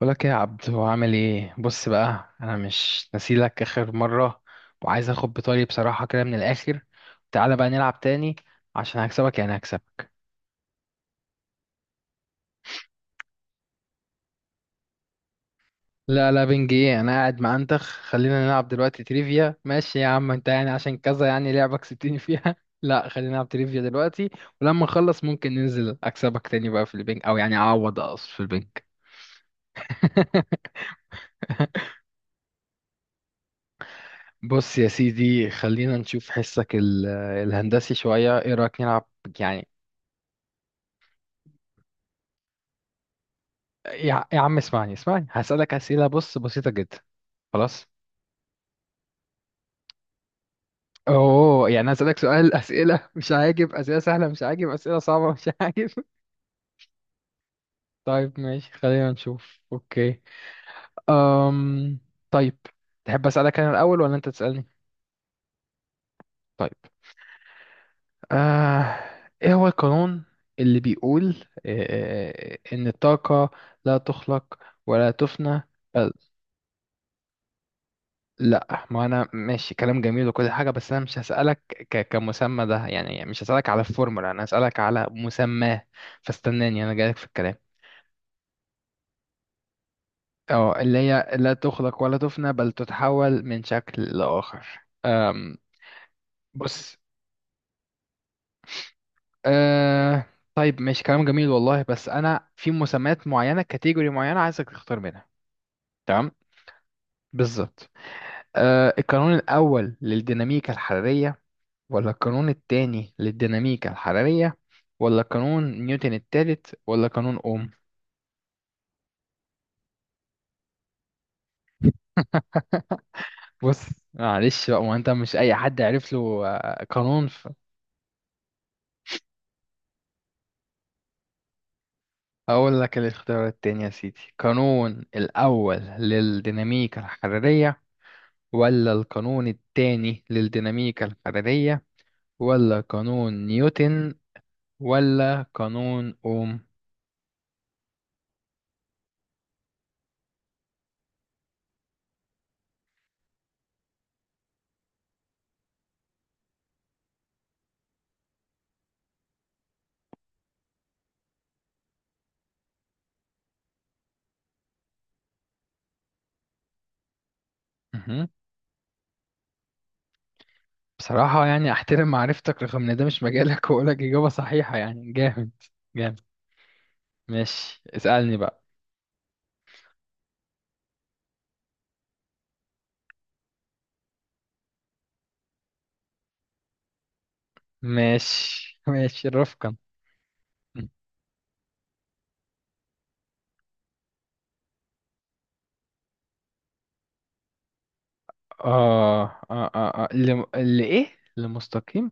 بقولك ايه يا عبد؟ هو عامل ايه؟ بص بقى، انا مش نسيلك اخر مره، وعايز اخد بطاري بصراحه كده من الاخر. تعالى بقى نلعب تاني عشان هكسبك، يعني هكسب. لا لا، بنج ايه؟ انا قاعد مع انتخ. خلينا نلعب دلوقتي تريفيا، ماشي يا عم انت، يعني عشان كذا يعني لعبك كسبتني فيها. لا، خلينا نلعب تريفيا دلوقتي. ولما نخلص ممكن ننزل اكسبك تاني بقى في البنج، او يعني اعوض، اقصد، في البنج. بص يا سيدي، خلينا نشوف حسك الهندسي شوية. ايه رأيك نلعب يعني؟ يا عم، اسمعني، هسألك أسئلة، بص، بسيطة جدا. خلاص. اوه يعني هسألك سؤال. أسئلة مش عاجب، أسئلة سهلة مش عاجب، أسئلة صعبة مش عاجب. طيب ماشي، خلينا نشوف. اوكي. أم... طيب. تحب أسألك أنا الأول ولا أنت تسألني؟ طيب. آه... إيه هو القانون اللي بيقول إن الطاقة لا تخلق ولا تفنى؟ لا، ما انا ماشي، كلام جميل وكل حاجه، بس انا مش هسالك كمسمى ده يعني، مش هسالك على الفورمولا، انا هسالك على مسماه. فاستناني، انا جايلك في الكلام. اه، اللي هي لا تخلق ولا تفنى بل تتحول من شكل لاخر. أم... بص. أه... طيب ماشي، كلام جميل والله، بس انا في مسميات معينه، كاتيجوري معينه، عايزك تختار منها. تمام. بالظبط. القانون الاول للديناميكا الحراريه، ولا القانون التاني للديناميكا الحرارية، ولا قانون نيوتن التالت، ولا قانون أوم؟ بص، معلش بقى، ما انت مش اي حد، عرف له قانون. اقول لك الاختيار التاني يا سيدي. قانون الاول للديناميكا الحرارية، ولا القانون التاني للديناميكا الحرارية، ولا قانون نيوتن، ولا قانون اوم؟ مهم. بصراحة يعني احترم معرفتك رغم ان ده مش مجالك، واقول لك اجابة صحيحة يعني، جامد. جامد. ماشي، اسألني بقى. ماشي ماشي، رفقا. آه اللي إيه؟ اللي مستقيم.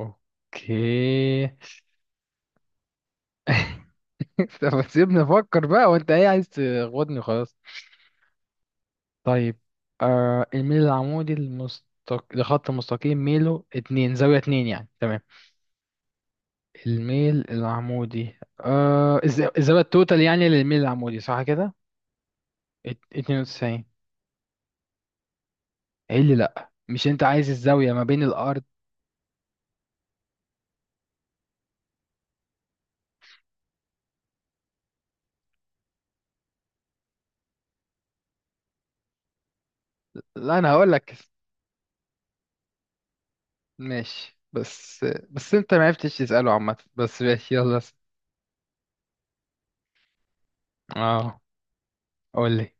أوكي. طب سيبني أفكر بقى، وأنت إيه، عايز تغوضني؟ خلاص. طيب. الميل العمودي لخط مستقيم ميله اتنين، زاوية اتنين يعني. تمام. الميل العمودي، الزاوية التوتال يعني للميل العمودي، صح كده؟ اتنين وتسعين. إيه اللي لأ؟ مش أنت عايز الزاوية ما بين الأرض؟ لا انا هقول لك. ماشي بس انت ما عرفتش تساله عامه، بس ماشي، يلا اسأل. اه، قول لي.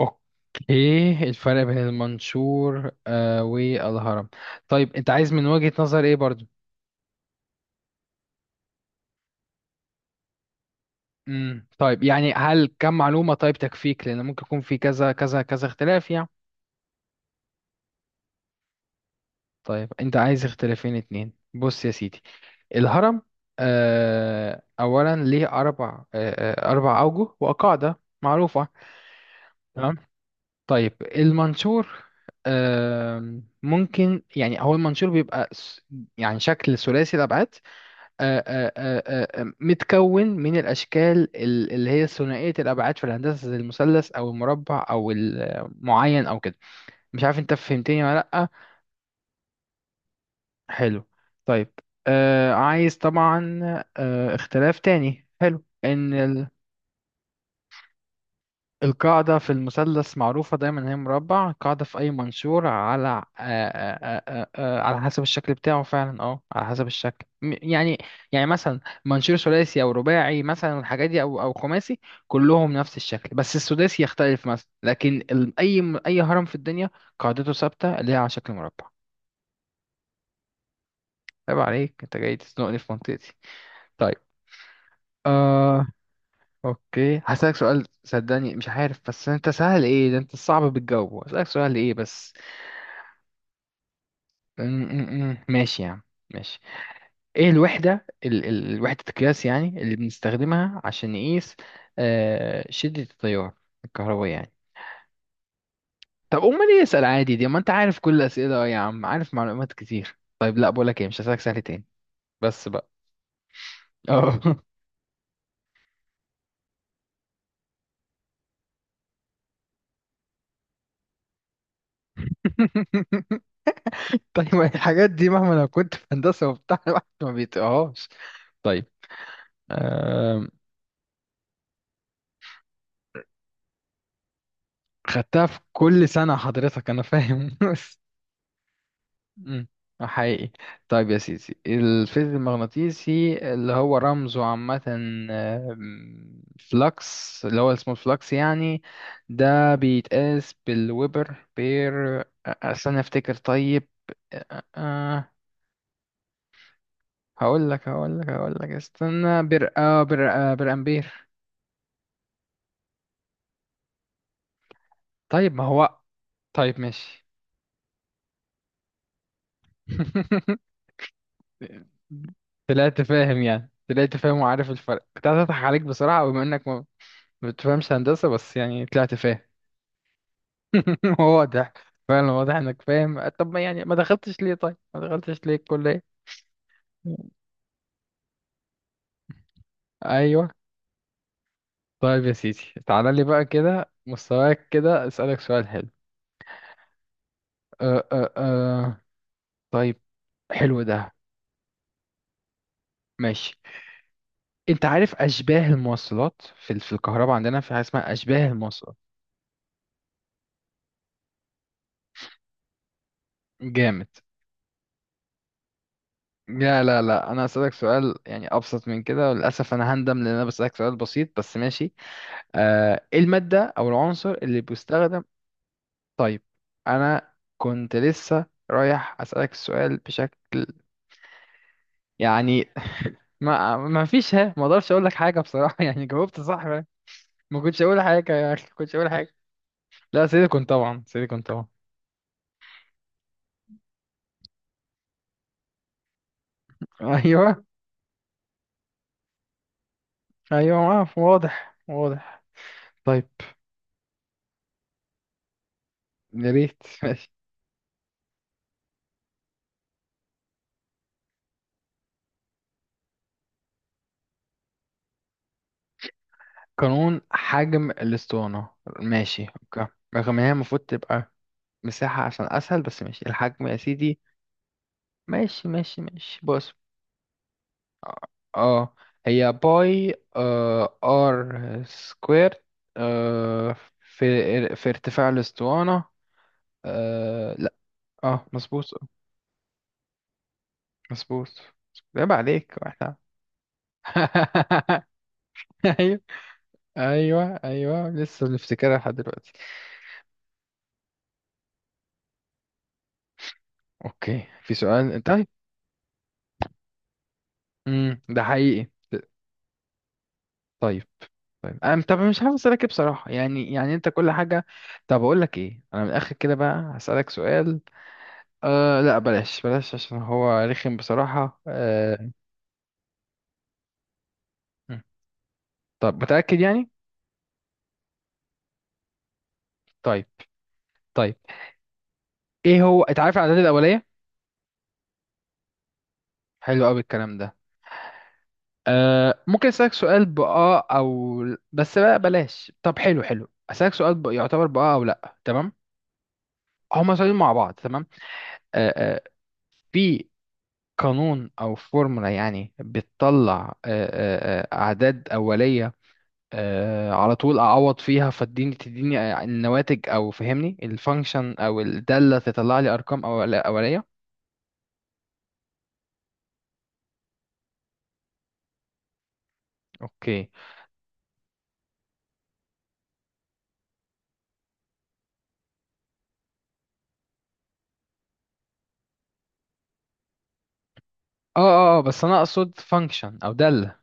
اوكي، الفرق بين المنشور والهرم. طيب، انت عايز من وجهة نظر ايه برضو؟ طيب يعني، هل كم معلومة طيب تكفيك؟ لان ممكن يكون في كذا كذا كذا اختلاف يعني. طيب، انت عايز اختلافين اتنين؟ بص يا سيدي. الهرم، اولا ليه اربع، آه اربع اوجه وقاعدة معروفة. تمام. طيب، المنشور، ممكن يعني، هو المنشور بيبقى يعني شكل ثلاثي الأبعاد، آه، آه، آه، متكون من الأشكال اللي هي ثنائية الأبعاد في الهندسة، زي المثلث أو المربع أو المعين أو كده. مش عارف أنت فهمتني ولا لأ. حلو. طيب. عايز طبعا اختلاف تاني حلو، إن القاعدة في المثلث معروفة دايما إن هي مربع، القاعدة في أي منشور على على حسب الشكل بتاعه فعلا، اه، على حسب الشكل يعني. يعني مثلا، منشور ثلاثي أو رباعي مثلا، الحاجات دي، أو خماسي، كلهم نفس الشكل بس السداسي يختلف مثلا، لكن أي أي هرم في الدنيا، قاعدته ثابتة اللي هي على شكل مربع. عيب عليك، أنت جاي تزنقني في منطقتي. طيب. آه أوكي هسألك سؤال، صدقني مش عارف بس، أنت سهل إيه ده، أنت صعب بتجاوبه. هسألك سؤال إيه بس. ماشي يا عم. ماشي. ايه الوحدة ال ال وحدة القياس يعني اللي بنستخدمها عشان نقيس شدة التيار الكهربائي يعني؟ طب امال ايه؟ اسأل عادي، دي ما انت عارف كل الأسئلة. اه يا عم، عارف معلومات كتير. طيب لا، بقولك ايه، مش هسألك سهل تاني بس بقى. اه. طيب الحاجات دي مهما لو كنت في هندسة وبتاع، الواحد ما بيتقهاش. طيب. آم، خدتها في كل سنة حضرتك، أنا فاهم. مم. حقيقي. طيب يا سيدي، الفيلد المغناطيسي اللي هو رمزه عامة، آه، فلكس، اللي هو اسمه الفلكس يعني، ده بيتقاس بالويبر بير استنى افتكر. طيب. أ- أ- هقول لك استنى. بر آه بر آه بر امبير طيب ما هو. طيب ماشي. طلعت فاهم، يعني طلعت فاهم وعارف الفرق. كنت هضحك عليك بصراحة بما انك ما بتفهمش هندسة، بس يعني طلعت فاهم. واضح. فعلا واضح انك فاهم. طب ما يعني، ما دخلتش ليه، طيب ما دخلتش ليه الكلية؟ ايوه. طيب يا سيدي، تعالى لي بقى كده، مستواك كده، اسألك سؤال حلو. أه أه أه. طيب. حلو ده. ماشي. انت عارف اشباه المواصلات؟ في الكهرباء عندنا في حاجة اسمها اشباه المواصلات. جامد. لا لا لا، انا اسألك سؤال يعني ابسط من كده، وللاسف انا هندم لان انا بسألك سؤال بسيط بس، ماشي. ايه المادة او العنصر اللي بيستخدم؟ طيب انا كنت لسه رايح اسألك السؤال بشكل، يعني. ما فيش ها، ما اقدرش اقول لك حاجة بصراحة. يعني جاوبت صح بقى. ما كنتش اقول حاجة يا اخي، ما كنتش اقول حاجة. لا، سيليكون طبعا، سيليكون طبعا. ايوه، ايوه. واضح، واضح. طيب. يا ريت. ماشي. قانون حجم الاسطوانة. ماشي اوكي، رغم ان هي المفروض تبقى مساحة عشان اسهل، بس ماشي، الحجم يا سيدي. ماشي ماشي ماشي، بص. اه، هي باي ار سكوير، آه في في ارتفاع الاسطوانة. آه لا اه، مظبوط. مظبوط. عيب عليك، احنا. ايوه، ايوه، ايوه، لسه بنفتكرها لحد دلوقتي. اوكي، في سؤال. طيب. ده حقيقي. طيب. طيب انا طب مش عارف اسالك إيه بصراحه، يعني انت كل حاجه. طب اقول لك ايه، انا من الاخر كده بقى هسالك سؤال. لا، بلاش بلاش عشان هو رخم بصراحة. أه م. طب متأكد يعني؟ طيب. طيب. ايه هو، انت عارف الأعداد الأولية؟ حلو قوي الكلام ده. ممكن أسألك سؤال بآه أو بس بقى بلاش، طب حلو حلو، أسألك سؤال يعتبر بآه أو لأ تمام؟ هما سؤالين مع بعض تمام؟ أه أه. في قانون أو فورمولا يعني بتطلع أه أه آه، أعداد أولية، على طول اعوض فيها فتديني، تديني النواتج، او فهمني الفانكشن او الداله تطلع لي ارقام اوليه. اوكي. بس انا اقصد فانكشن او داله.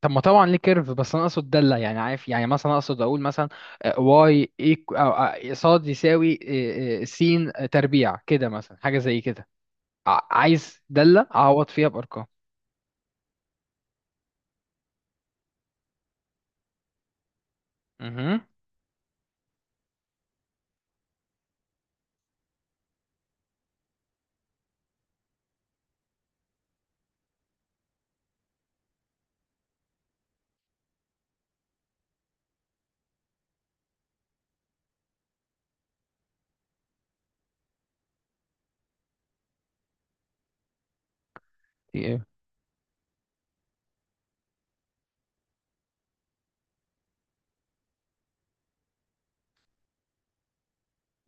طب ما طبعا ليه كيرف، بس انا اقصد داله، يعني عارف، يعني مثلا، اقصد اقول مثلا، واي او صاد يساوي س تربيع كده مثلا، حاجه زي كده. عايز داله اعوض فيها بارقام. مهم.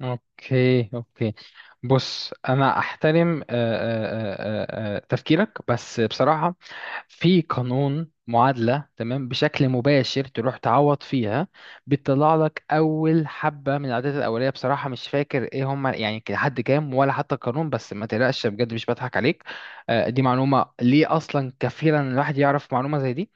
اوكي، اوكي. بص انا احترم تفكيرك، بس بصراحه في قانون معادله تمام بشكل مباشر تروح تعوض فيها، بتطلع لك اول حبه من العادات الاوليه. بصراحه مش فاكر ايه هم يعني، لحد كام، ولا حتى القانون، بس ما تقلقش بجد مش بضحك عليك. دي معلومه ليه اصلا كفيله ان الواحد يعرف معلومه زي دي.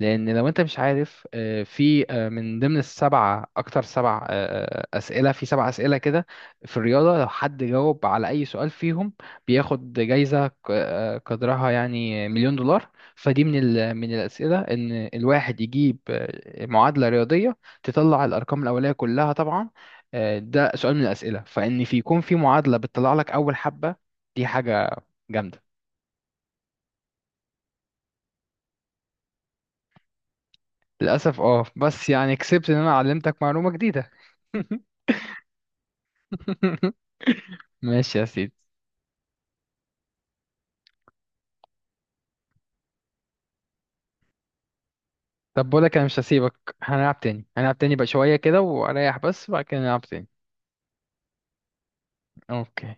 لان لو انت مش عارف، في من ضمن السبعه اكتر، سبع اسئله، في سبع اسئله كده في الرياضه، لو حد جاوب على اي سؤال فيهم بياخد جايزه قدرها يعني مليون دولار. فدي من من الاسئله، ان الواحد يجيب معادله رياضيه تطلع الارقام الاوليه كلها طبعا، ده سؤال من الاسئله، فان في يكون في معادله بتطلع لك اول حبه. دي حاجه جامده. للاسف اه، بس يعني كسبت ان انا علمتك معلومه جديده. ماشي يا سيدي. طب بقولك انا مش هسيبك، هنلعب تاني، هنلعب تاني بقى شوية كده واريح بس، وبعد كده نلعب تاني. اوكي